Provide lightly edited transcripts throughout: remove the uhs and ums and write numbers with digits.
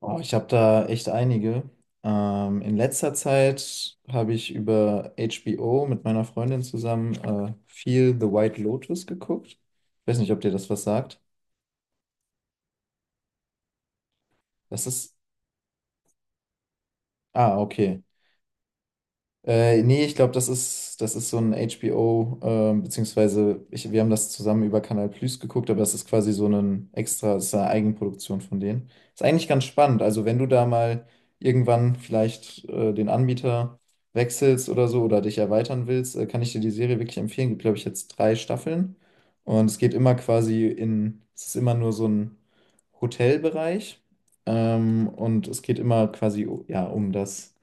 Oh, ich habe da echt einige. In letzter Zeit habe ich über HBO mit meiner Freundin zusammen viel The White Lotus geguckt. Ich weiß nicht, ob dir das was sagt. Das ist. Ah, okay. Nee, ich glaube, das ist so ein HBO, beziehungsweise ich, wir haben das zusammen über Canal Plus geguckt, aber das ist quasi so ein extra, das ist eine Eigenproduktion von denen. Ist eigentlich ganz spannend. Also wenn du da mal irgendwann vielleicht den Anbieter wechselst oder so oder dich erweitern willst, kann ich dir die Serie wirklich empfehlen. Gibt, glaube ich, jetzt drei Staffeln und es geht immer quasi es ist immer nur so ein Hotelbereich, und es geht immer quasi ja, um das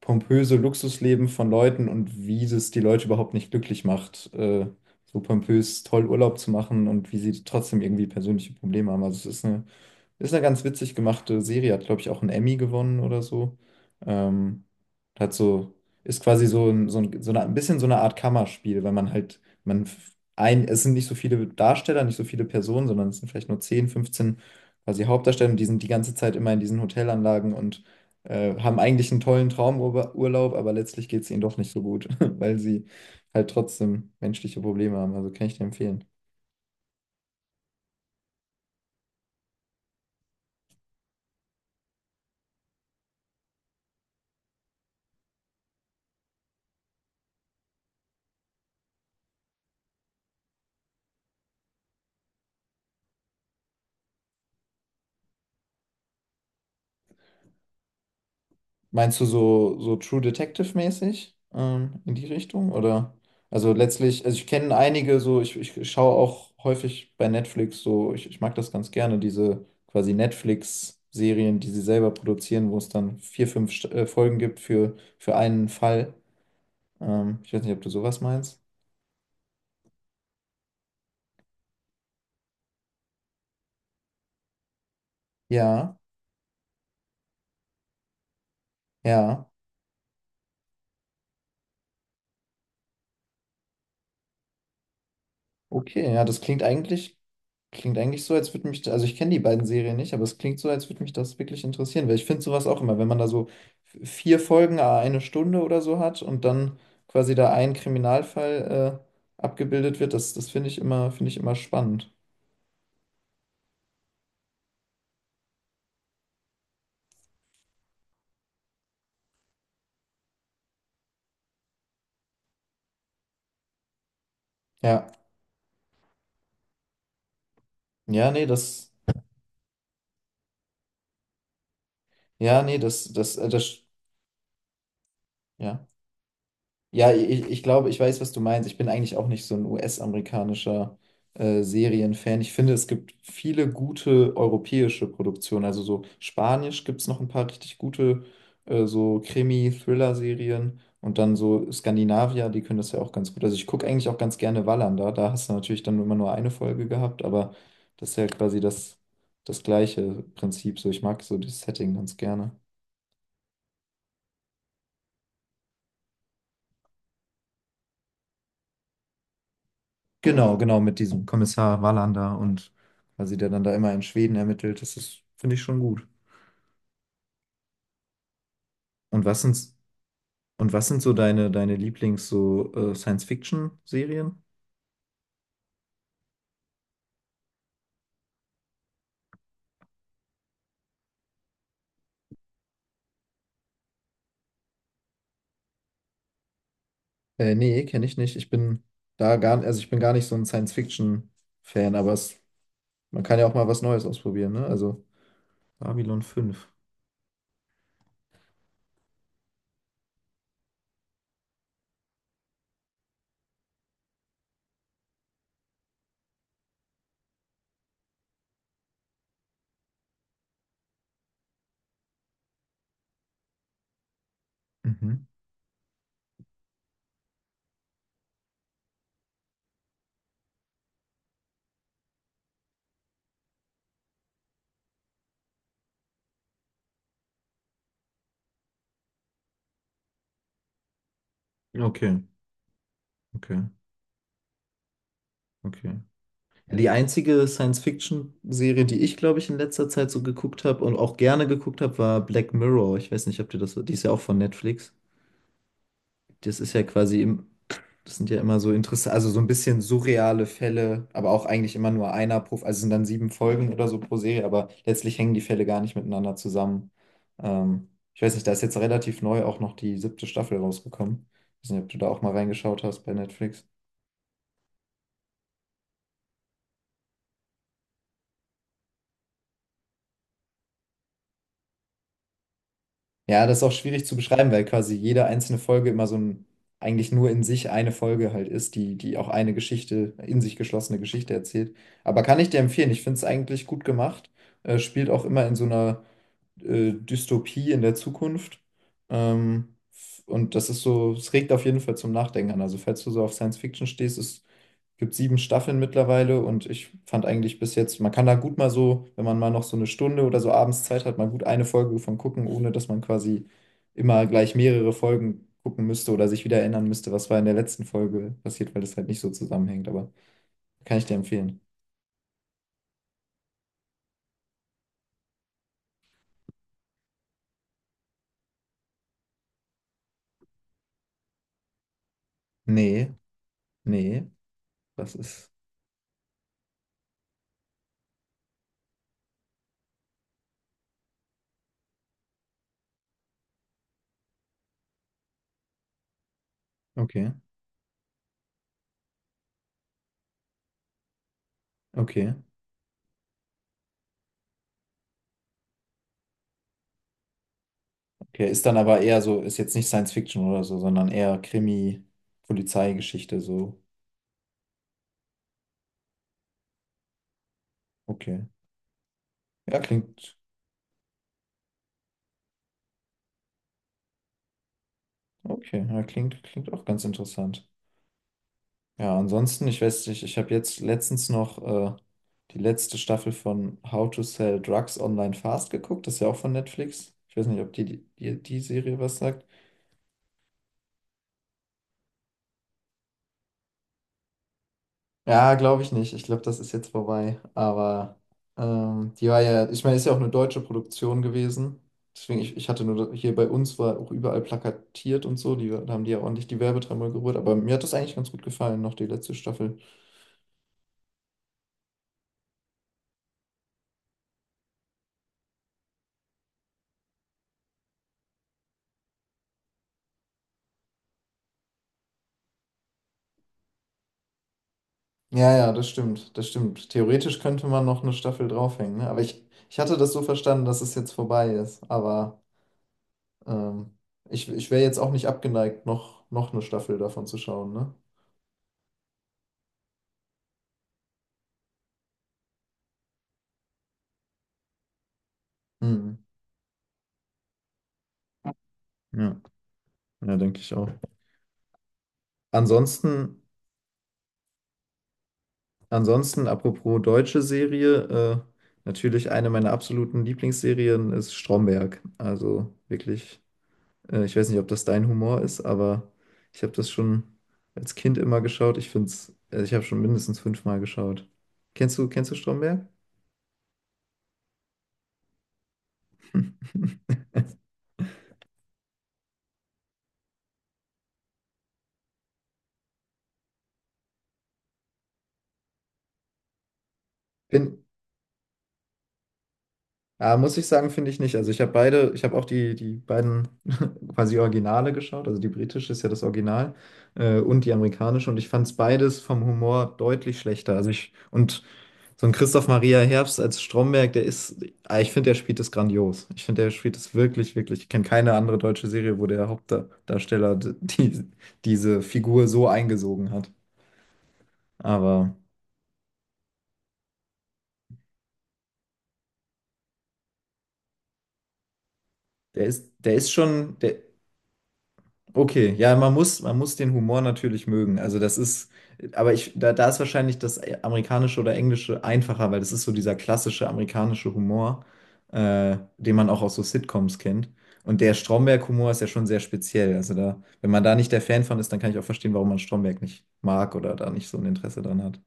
pompöse Luxusleben von Leuten und wie das die Leute überhaupt nicht glücklich macht, so pompös toll Urlaub zu machen und wie sie trotzdem irgendwie persönliche Probleme haben. Also es ist eine Ist eine ganz witzig gemachte Serie, hat, glaube ich, auch einen Emmy gewonnen oder so. Ähm, Hat so, ist quasi so, ein bisschen so eine Art Kammerspiel, weil man halt, es sind nicht so viele Darsteller, nicht so viele Personen, sondern es sind vielleicht nur 10, 15 quasi Hauptdarsteller und die sind die ganze Zeit immer in diesen Hotelanlagen und haben eigentlich einen tollen Traumurlaub, aber letztlich geht es ihnen doch nicht so gut, weil sie halt trotzdem menschliche Probleme haben. Also kann ich dir empfehlen. Meinst du so, so True Detective-mäßig in die Richtung? Oder? Also ich kenne einige so, ich schaue auch häufig bei Netflix so, ich mag das ganz gerne, diese quasi Netflix-Serien, die sie selber produzieren, wo es dann vier, fünf Folgen gibt für einen Fall. Ich weiß nicht, ob du sowas meinst. Ja, ja. Okay, ja, klingt eigentlich so, also ich kenne die beiden Serien nicht, aber es klingt so, als würde mich das wirklich interessieren, weil ich finde sowas auch immer, wenn man da so vier Folgen, à eine Stunde oder so hat und dann quasi da ein Kriminalfall abgebildet wird, das finde ich immer spannend. Ja, ja, nee, das, ja, nee, das, das, das, ja. Ja, ich glaube, ich weiß, was du meinst. Ich bin eigentlich auch nicht so ein US-amerikanischer Serienfan. Ich finde, es gibt viele gute europäische Produktionen. Also so Spanisch gibt es noch ein paar richtig gute so Krimi-Thriller-Serien. Und dann so Skandinavier, die können das ja auch ganz gut. Also ich gucke eigentlich auch ganz gerne Wallander. Da hast du natürlich dann immer nur eine Folge gehabt, aber das ist ja quasi das gleiche Prinzip. So, ich mag so das Setting ganz gerne. Genau, genau, mit diesem Kommissar Wallander und quasi der dann da immer in Schweden ermittelt. Das ist, finde ich schon gut. Und was sind, und was sind so deine Lieblings so Science-Fiction-Serien? Nee, kenne ich nicht. Ich bin da gar, also ich bin gar nicht so ein Science-Fiction-Fan, aber es, man kann ja auch mal was Neues ausprobieren, ne? Also Babylon fünf. Mhm. Okay, okay, okay. Die einzige Science-Fiction-Serie, die ich, glaube ich, in letzter Zeit so geguckt habe und auch gerne geguckt habe, war Black Mirror. Ich weiß nicht, ob dir die ist ja auch von Netflix. Das ist ja quasi im, das sind ja immer so interessant, also so ein bisschen surreale Fälle, aber auch eigentlich immer nur einer pro, also es sind dann sieben Folgen oder so pro Serie, aber letztlich hängen die Fälle gar nicht miteinander zusammen. Ähm, Ich weiß nicht, da ist jetzt relativ neu auch noch die siebte Staffel rausgekommen. Ich weiß nicht, ob du da auch mal reingeschaut hast bei Netflix. Ja, das ist auch schwierig zu beschreiben, weil quasi jede einzelne Folge immer eigentlich nur in sich eine Folge halt ist, die auch in sich geschlossene Geschichte erzählt. Aber kann ich dir empfehlen, ich finde es eigentlich gut gemacht. Spielt auch immer in so einer Dystopie in der Zukunft. Und das ist so, es regt auf jeden Fall zum Nachdenken an. Also falls du so auf Science Fiction stehst, ist Gibt sieben Staffeln mittlerweile und ich fand eigentlich bis jetzt, man kann da gut mal so, wenn man mal noch so eine Stunde oder so abends Zeit hat, mal gut eine Folge von gucken, ohne dass man quasi immer gleich mehrere Folgen gucken müsste oder sich wieder erinnern müsste, was war in der letzten Folge passiert, weil das halt nicht so zusammenhängt. Aber kann ich dir empfehlen. Nee, nee, das ist. Okay, okay. Okay, ist dann aber eher so, ist jetzt nicht Science Fiction oder so, sondern eher Krimi, Polizeigeschichte, so. Okay. Ja, klingt. Okay, ja, klingt, klingt auch ganz interessant. Ja, ansonsten, ich weiß nicht, ich habe jetzt letztens noch die letzte Staffel von How to Sell Drugs Online Fast geguckt. Das ist ja auch von Netflix. Ich weiß nicht, ob die, die Serie was sagt. Ja, glaube ich nicht. Ich glaube, das ist jetzt vorbei. Aber die war ja, ich meine, ist ja auch eine deutsche Produktion gewesen. Deswegen, ich hatte nur, hier bei uns war auch überall plakatiert und so. Die, da haben die ja ordentlich die Werbetreibung gerührt. Aber mir hat das eigentlich ganz gut gefallen, noch die letzte Staffel. Ja, ja, das stimmt, das stimmt. Theoretisch könnte man noch eine Staffel draufhängen, ne? Ich hatte das so verstanden, dass es jetzt vorbei ist. Aber ähm, ich wäre jetzt auch nicht abgeneigt, noch eine Staffel davon zu schauen, ne? Mhm. Ja, ja, denke ich auch. Ansonsten, ansonsten, apropos deutsche Serie, äh, natürlich eine meiner absoluten Lieblingsserien ist Stromberg. Also wirklich Ich weiß nicht, ob das dein Humor ist, aber ich habe das schon als Kind immer geschaut. Also ich habe schon mindestens fünfmal geschaut. Kennst du Stromberg? Bin, ah, muss ich sagen, finde ich nicht. Ich habe auch die beiden quasi Originale geschaut. Also die britische ist ja das Original und die amerikanische. Und ich fand es beides vom Humor deutlich schlechter. Also ich, und So ein Christoph Maria Herbst als Stromberg, ah, ich finde, der spielt das grandios. Ich finde, der spielt das wirklich, wirklich. Ich kenne keine andere deutsche Serie, wo der Hauptdarsteller die, diese Figur so eingesogen hat. Aber der ist schon, der, okay, ja, man muss den Humor natürlich mögen. Aber ich, da ist wahrscheinlich das amerikanische oder englische einfacher, weil das ist so dieser klassische amerikanische Humor, den man auch aus so Sitcoms kennt. Und der Stromberg-Humor ist ja schon sehr speziell. Also da, wenn man da nicht der Fan von ist, dann kann ich auch verstehen, warum man Stromberg nicht mag oder da nicht so ein Interesse dran hat.